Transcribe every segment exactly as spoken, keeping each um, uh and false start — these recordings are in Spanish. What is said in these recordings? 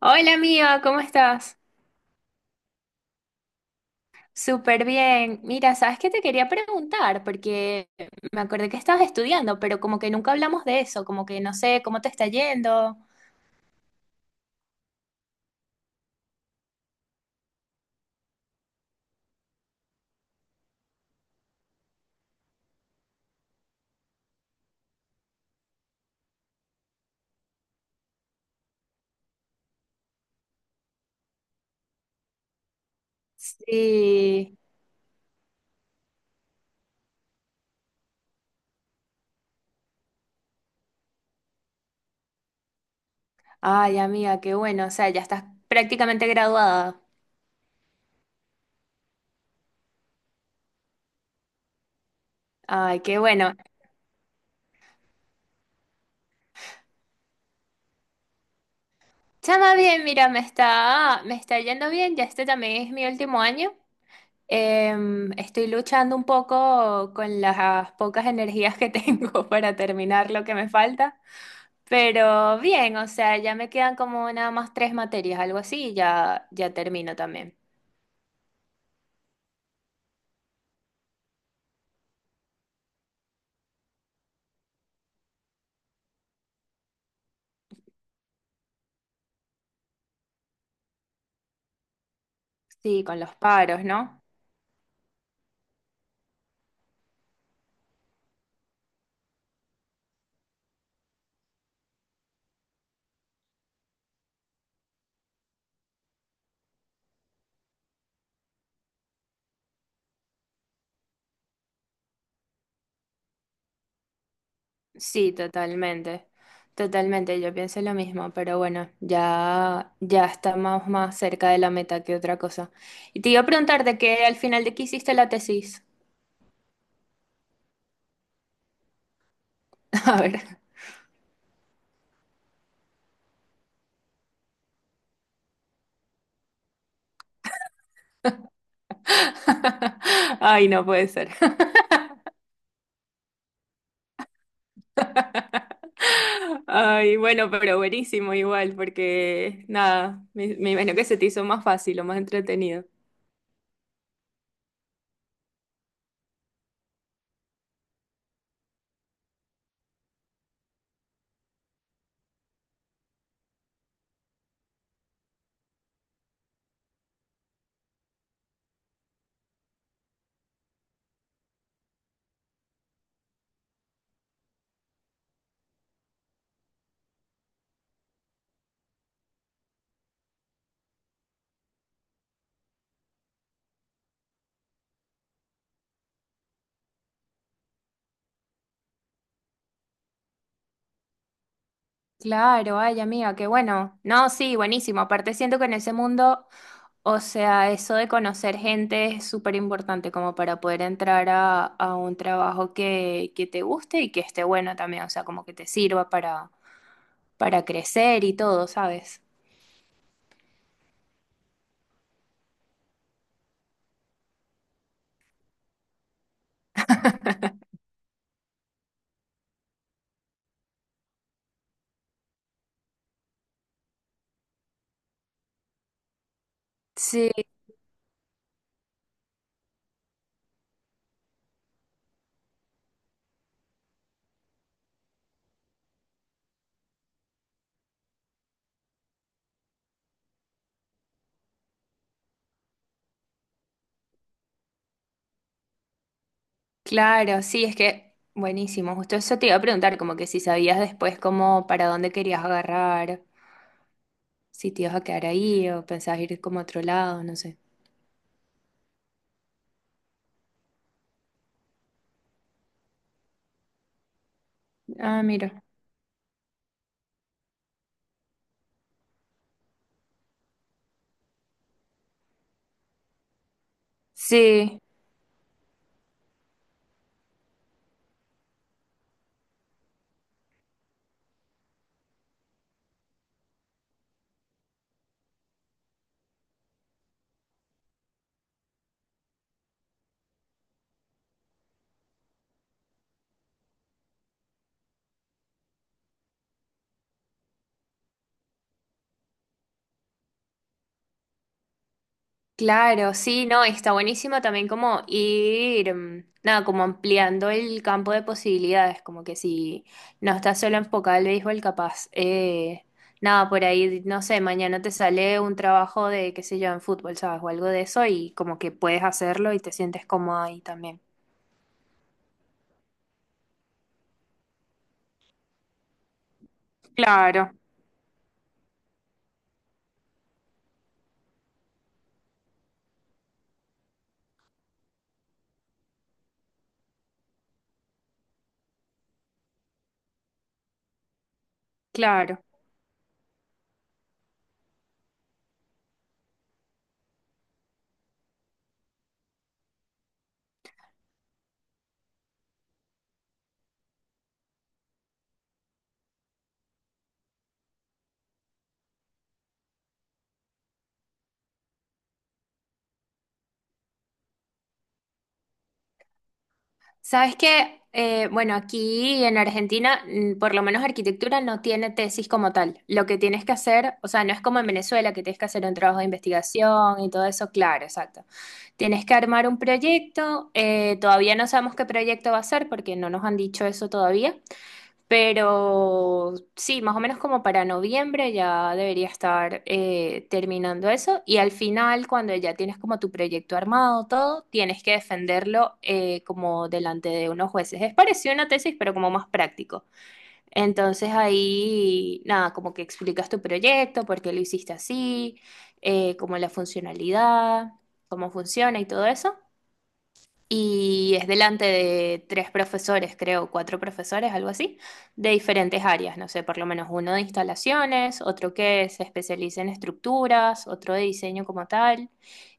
Hola amiga, ¿cómo estás? Súper bien. Mira, ¿sabes qué te quería preguntar? Porque me acordé que estabas estudiando, pero como que nunca hablamos de eso, como que no sé cómo te está yendo. Sí. Ay, amiga, qué bueno. O sea, ya estás prácticamente graduada. Ay, qué bueno. Chama bien, mira, me está, me está yendo bien. Ya este también es mi último año. Em, estoy luchando un poco con las pocas energías que tengo para terminar lo que me falta. Pero bien, o sea, ya me quedan como nada más tres materias, algo así, y ya, ya termino también. Sí, con los paros, ¿no? Sí, totalmente. Totalmente, yo pienso lo mismo, pero bueno, ya, ya estamos más cerca de la meta que otra cosa. Y te iba a preguntar de qué al final de qué hiciste la tesis. A ver. Ay, no puede ser. Ay, bueno, pero buenísimo igual, porque nada, me, me imagino que se te hizo más fácil o más entretenido. Claro, ay amiga, qué bueno. No, sí, buenísimo. Aparte siento que en ese mundo, o sea, eso de conocer gente es súper importante como para poder entrar a, a un trabajo que, que te guste y que esté bueno también, o sea, como que te sirva para, para crecer y todo, ¿sabes? Sí, claro, sí, es que buenísimo. Justo eso te iba a preguntar, como que si sabías después como para dónde querías agarrar, si te ibas a quedar ahí o pensabas ir como a otro lado, no sé. Ah, mira. Sí. Claro, sí, no, está buenísimo también como ir, mm, nada, como ampliando el campo de posibilidades, como que si no estás solo enfocado al béisbol, capaz, eh, nada, por ahí, no sé, mañana te sale un trabajo de, qué sé yo, en fútbol, ¿sabes? O algo de eso y como que puedes hacerlo y te sientes cómodo ahí también. Claro, claro. Sabes que, eh, bueno, aquí en Argentina, mm, por lo menos arquitectura no tiene tesis como tal. Lo que tienes que hacer, o sea, no es como en Venezuela que tienes que hacer un trabajo de investigación y todo eso, claro, exacto. Tienes que armar un proyecto, eh, todavía no sabemos qué proyecto va a ser porque no nos han dicho eso todavía. Pero sí, más o menos como para noviembre ya debería estar eh, terminando eso. Y al final, cuando ya tienes como tu proyecto armado, todo, tienes que defenderlo eh, como delante de unos jueces. Es parecido a una tesis, pero como más práctico. Entonces ahí, nada, como que explicas tu proyecto, por qué lo hiciste así, eh, como la funcionalidad, cómo funciona y todo eso, y es delante de tres profesores, creo, cuatro profesores, algo así, de diferentes áreas, no sé, por lo menos uno de instalaciones, otro que se especializa en estructuras, otro de diseño como tal.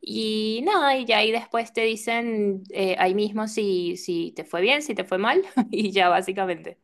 Y nada, y ya ahí después te dicen eh, ahí mismo si, si te fue bien, si te fue mal, y ya básicamente.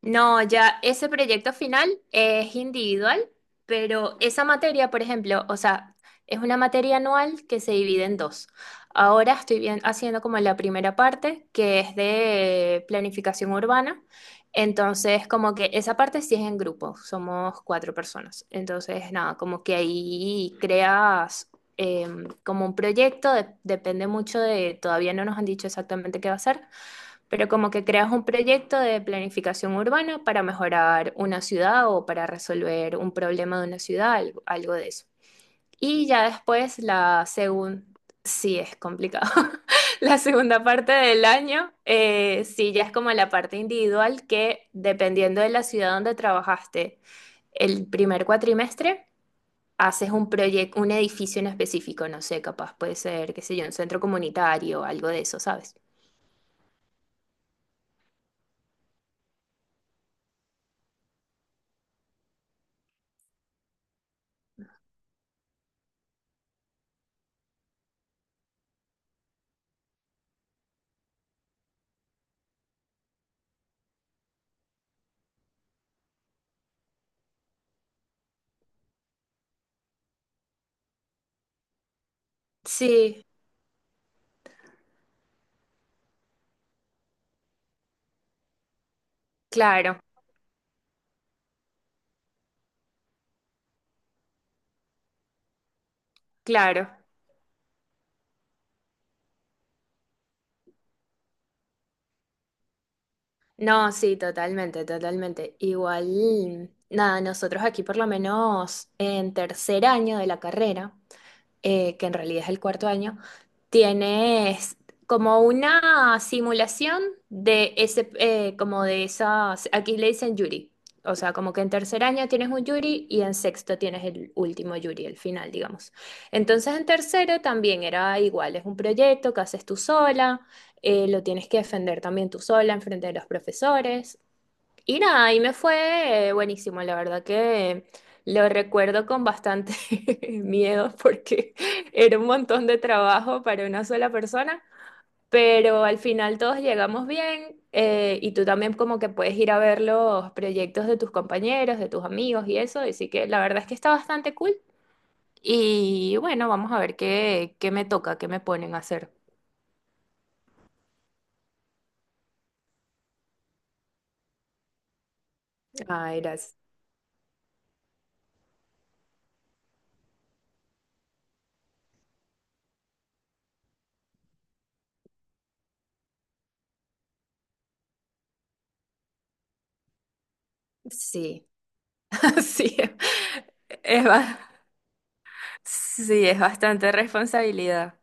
No, ya ese proyecto final es individual, pero esa materia, por ejemplo, o sea, es una materia anual que se divide en dos. Ahora estoy bien- haciendo como la primera parte, que es de planificación urbana. Entonces, como que esa parte sí es en grupo, somos cuatro personas. Entonces, nada, como que ahí creas em, como un proyecto, de- depende mucho de, todavía no nos han dicho exactamente qué va a ser, pero como que creas un proyecto de planificación urbana para mejorar una ciudad o para resolver un problema de una ciudad, algo, algo de eso. Y ya después la segunda, sí es complicado, la segunda parte del año, eh, sí ya es como la parte individual que dependiendo de la ciudad donde trabajaste, el primer cuatrimestre haces un proyecto, un edificio en específico, no sé, capaz puede ser, qué sé yo, un centro comunitario, algo de eso, ¿sabes? Sí, claro, claro. No, sí, totalmente, totalmente. Igual, nada, nosotros aquí por lo menos en tercer año de la carrera, eh, que en realidad es el cuarto año, tienes como una simulación de ese, eh, como de esas, aquí le dicen jury. O sea, como que en tercer año tienes un jury y en sexto tienes el último jury, el final, digamos. Entonces en tercero también era igual, es un proyecto que haces tú sola, eh, lo tienes que defender también tú sola en frente de los profesores. Y nada, y me fue eh, buenísimo, la verdad que lo recuerdo con bastante miedo porque era un montón de trabajo para una sola persona, pero al final todos llegamos bien, eh, y tú también como que puedes ir a ver los proyectos de tus compañeros, de tus amigos y eso, así que la verdad es que está bastante cool. Y bueno, vamos a ver qué, qué me toca, qué me ponen a hacer. Ah, eras. Sí, sí. Es, sí, es bastante responsabilidad.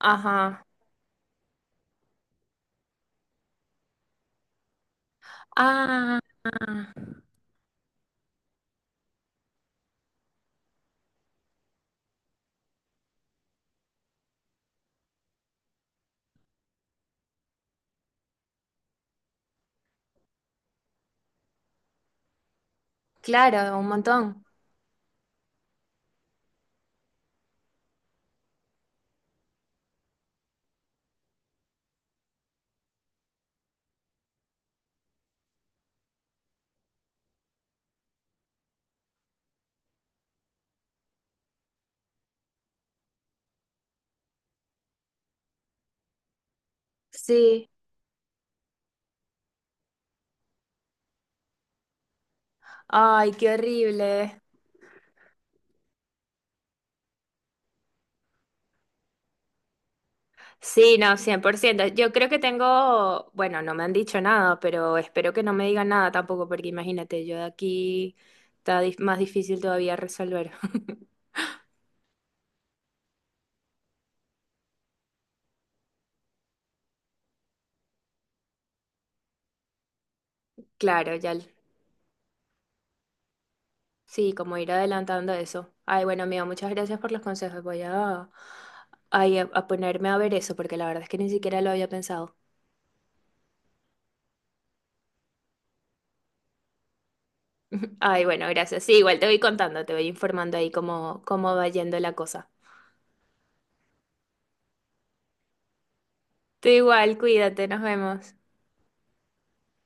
Ajá. Ah, claro, un montón. Sí. Ay, qué horrible. Sí, no, cien por ciento. Yo creo que tengo, bueno, no me han dicho nada, pero espero que no me digan nada tampoco, porque imagínate, yo de aquí está dif- más difícil todavía resolver. Claro, ya, l- sí, como ir adelantando eso. Ay, bueno, amigo, muchas gracias por los consejos. Voy a, ay, a a ponerme a ver eso, porque la verdad es que ni siquiera lo había pensado. Ay, bueno, gracias. Sí, igual te voy contando, te voy informando ahí cómo, cómo va yendo la cosa. Tú igual, cuídate, nos vemos.